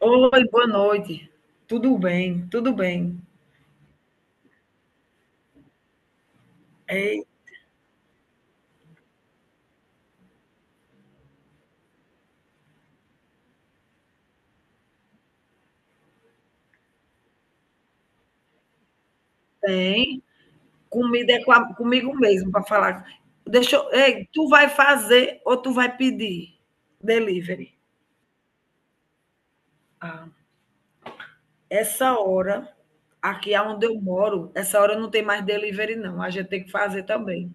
Oi, boa noite. Tudo bem, tudo bem. Ei, tem. Comida é com a comigo mesmo para falar. Deixa eu ei, tu vai fazer ou tu vai pedir delivery? Ah, essa hora, aqui aonde eu moro, essa hora não tem mais delivery não, a gente tem que fazer também.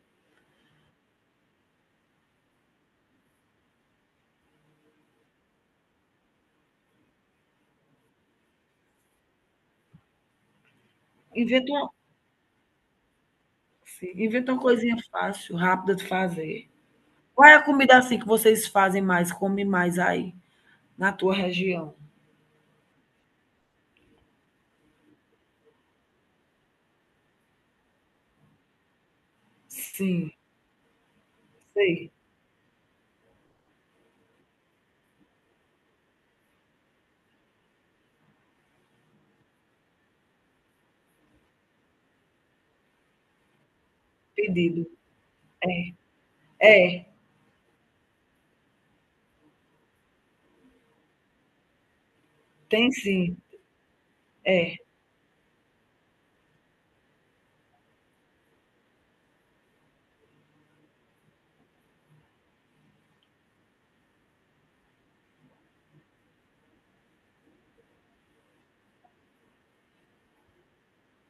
Inventa uma sim, inventa uma coisinha fácil, rápida de fazer. Qual é a comida, assim, que vocês fazem mais, comem mais aí, na tua região? Sim, sei, pedido. É. É, tem sim. É.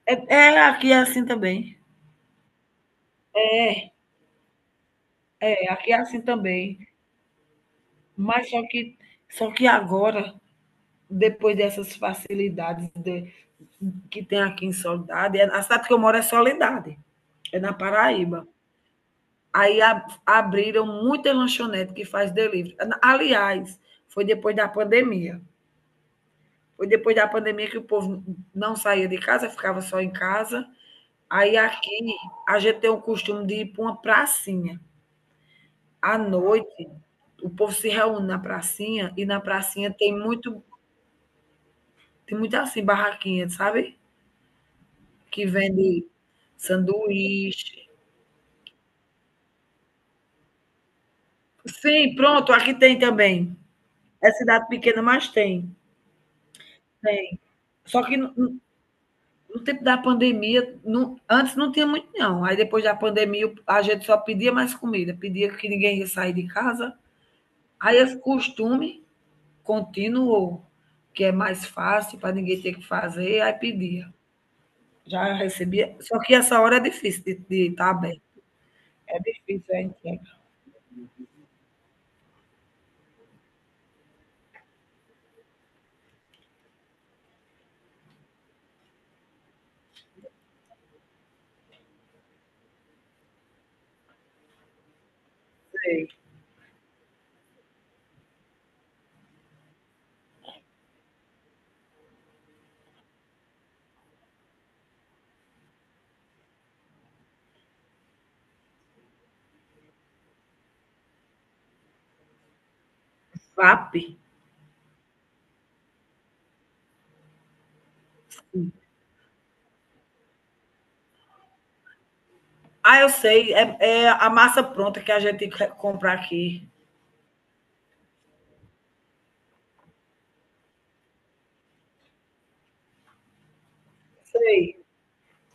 É, é, aqui é assim também. É, aqui é assim também. Mas só que agora, depois dessas facilidades que tem aqui em Soledade, a cidade que eu moro é Soledade, é na Paraíba. Aí abriram muita lanchonete que faz delivery. Aliás, foi depois da pandemia. Foi depois da pandemia que o povo não saía de casa, ficava só em casa. Aí aqui a gente tem o costume de ir para uma pracinha. À noite, o povo se reúne na pracinha e na pracinha tem muito assim, barraquinha, sabe? Que vende sanduíche. Sim, pronto, aqui tem também. É cidade pequena, mas tem. Tem. Só que no tempo da pandemia, antes não tinha muito, não. Aí depois da pandemia, a gente só pedia mais comida, pedia que ninguém ia sair de casa. Aí esse costume continuou, que é mais fácil para ninguém ter que fazer, aí pedia. Já recebi. Só que essa hora é difícil de estar tá aberto. É difícil, hein gente. Sei. VAP. Ah, eu sei. É, é a massa pronta que a gente compra aqui. Sei.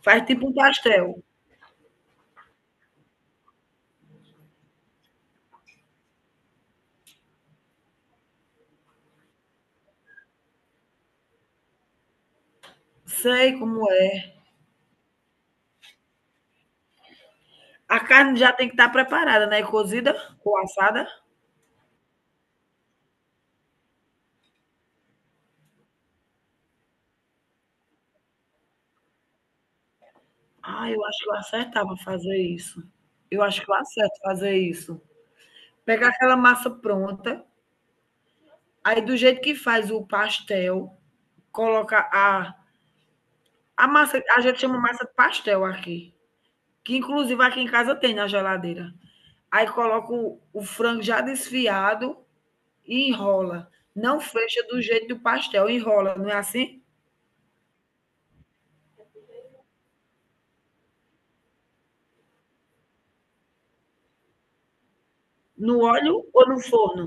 Faz tipo um pastel. Sei como é. A carne já tem que estar preparada, né? Cozida ou assada. Ah, eu acho que eu acertava fazer isso. Eu acho que eu acerto fazer isso. Pegar aquela massa pronta, aí do jeito que faz o pastel, coloca a massa, a gente chama massa de pastel aqui, que inclusive aqui em casa tem na geladeira. Aí coloca o frango já desfiado e enrola. Não fecha do jeito do pastel, enrola, não é assim? No óleo ou no forno?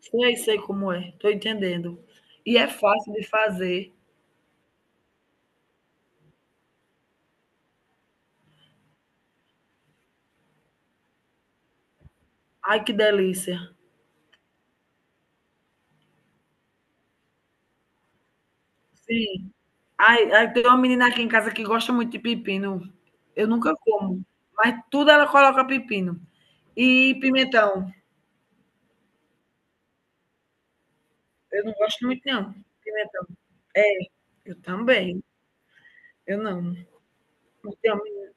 Sei, sei como é, tô entendendo. E é fácil de fazer. Ai, que delícia. Sim. Ai, ai, tem uma menina aqui em casa que gosta muito de pepino. Eu nunca como, mas tudo ela coloca pepino. E pimentão. Eu não gosto muito, não. Pimentão. É, eu também. Eu não. Não, a gente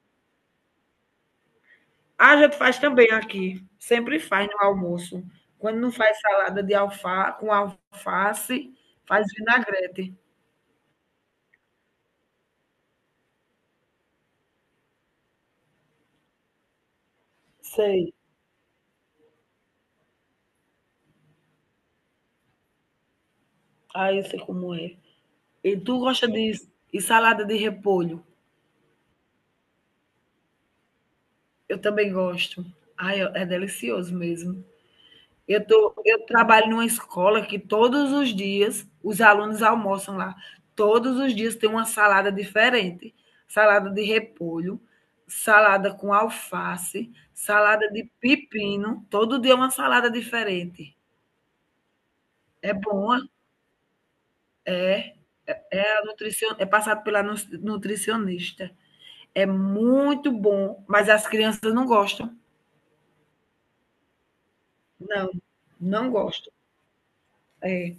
faz também aqui. Sempre faz no almoço. Quando não faz salada de alfa, com alface, faz vinagrete. Sei. Ah, eu sei como é. E tu gosta de e salada de repolho? Eu também gosto. Ai, é delicioso mesmo. Eu tô, eu trabalho numa escola que todos os dias os alunos almoçam lá. Todos os dias tem uma salada diferente, salada de repolho, salada com alface, salada de pepino, todo dia é uma salada diferente. É boa, é a nutricion... é passado pela nutricionista. É muito bom, mas as crianças não gostam. Não, não gostam. É,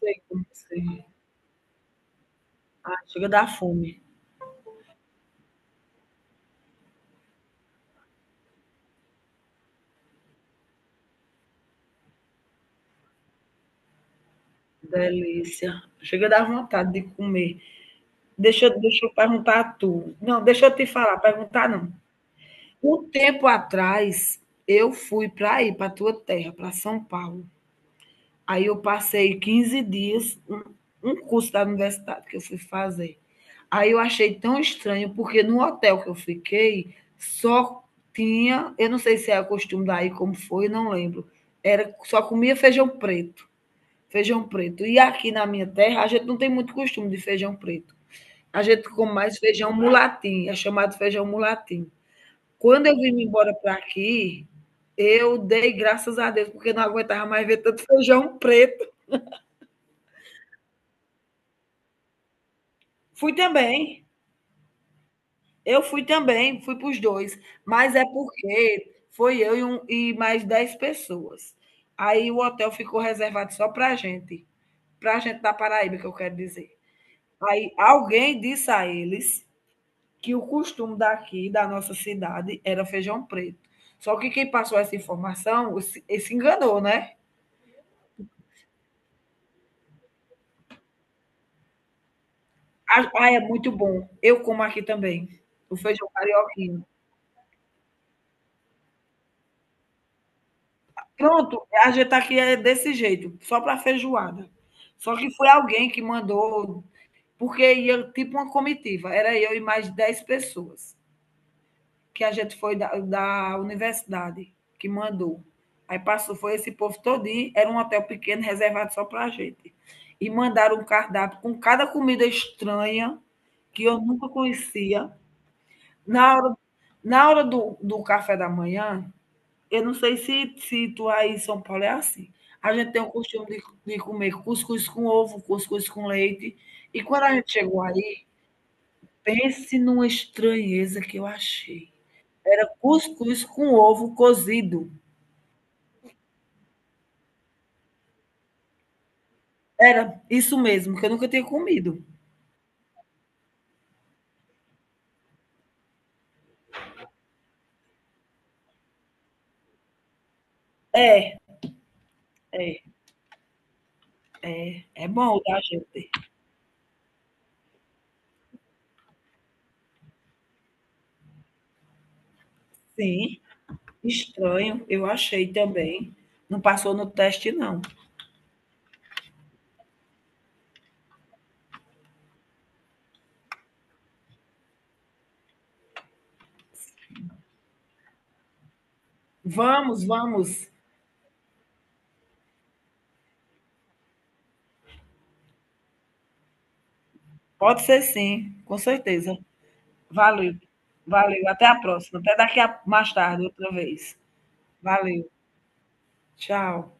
sei como sei. Ah, chega a dar fome. Delícia. Chega a dar vontade de comer. Deixa eu perguntar a tu. Não, deixa eu te falar, perguntar não. Um tempo atrás, eu fui para aí, para tua terra, para São Paulo. Aí eu passei 15 dias, um curso da universidade que eu fui fazer. Aí eu achei tão estranho, porque no hotel que eu fiquei, só tinha, eu não sei se é o costume daí, como foi, não lembro. Era, só comia feijão preto. Feijão preto. E aqui na minha terra, a gente não tem muito costume de feijão preto. A gente come mais feijão mulatim, é chamado feijão mulatim. Quando eu vim embora para aqui, eu dei graças a Deus, porque não aguentava mais ver tanto feijão preto. Fui também, eu fui também, fui para os dois, mas é porque foi eu e mais 10 pessoas. Aí o hotel ficou reservado só para a gente da Paraíba, que eu quero dizer. Aí alguém disse a eles que o costume daqui, da nossa cidade, era feijão preto. Só que quem passou essa informação se enganou, né? Ah, ah, é muito bom. Eu como aqui também. O feijão carioquinho. Pronto, a gente aqui é desse jeito, só para feijoada. Só que foi alguém que mandou, porque ia tipo uma comitiva. Era eu e mais de 10 pessoas. Que a gente foi da universidade que mandou. Aí passou, foi esse povo todinho, era um hotel pequeno reservado só para a gente. E mandaram um cardápio com cada comida estranha que eu nunca conhecia. Na hora, na hora do café da manhã, eu não sei se tu aí em São Paulo é assim. A gente tem o costume de comer cuscuz com ovo, cuscuz com leite. E quando a gente chegou aí, pense numa estranheza que eu achei. Cuscuz com ovo cozido. Era isso mesmo, que eu nunca tinha comido. É, é bom da gente. Sim, estranho, eu achei também. Não passou no teste, não. Vamos, vamos. Pode ser sim, com certeza. Valeu, valeu. Até a próxima. Até daqui a mais tarde, outra vez. Valeu, tchau.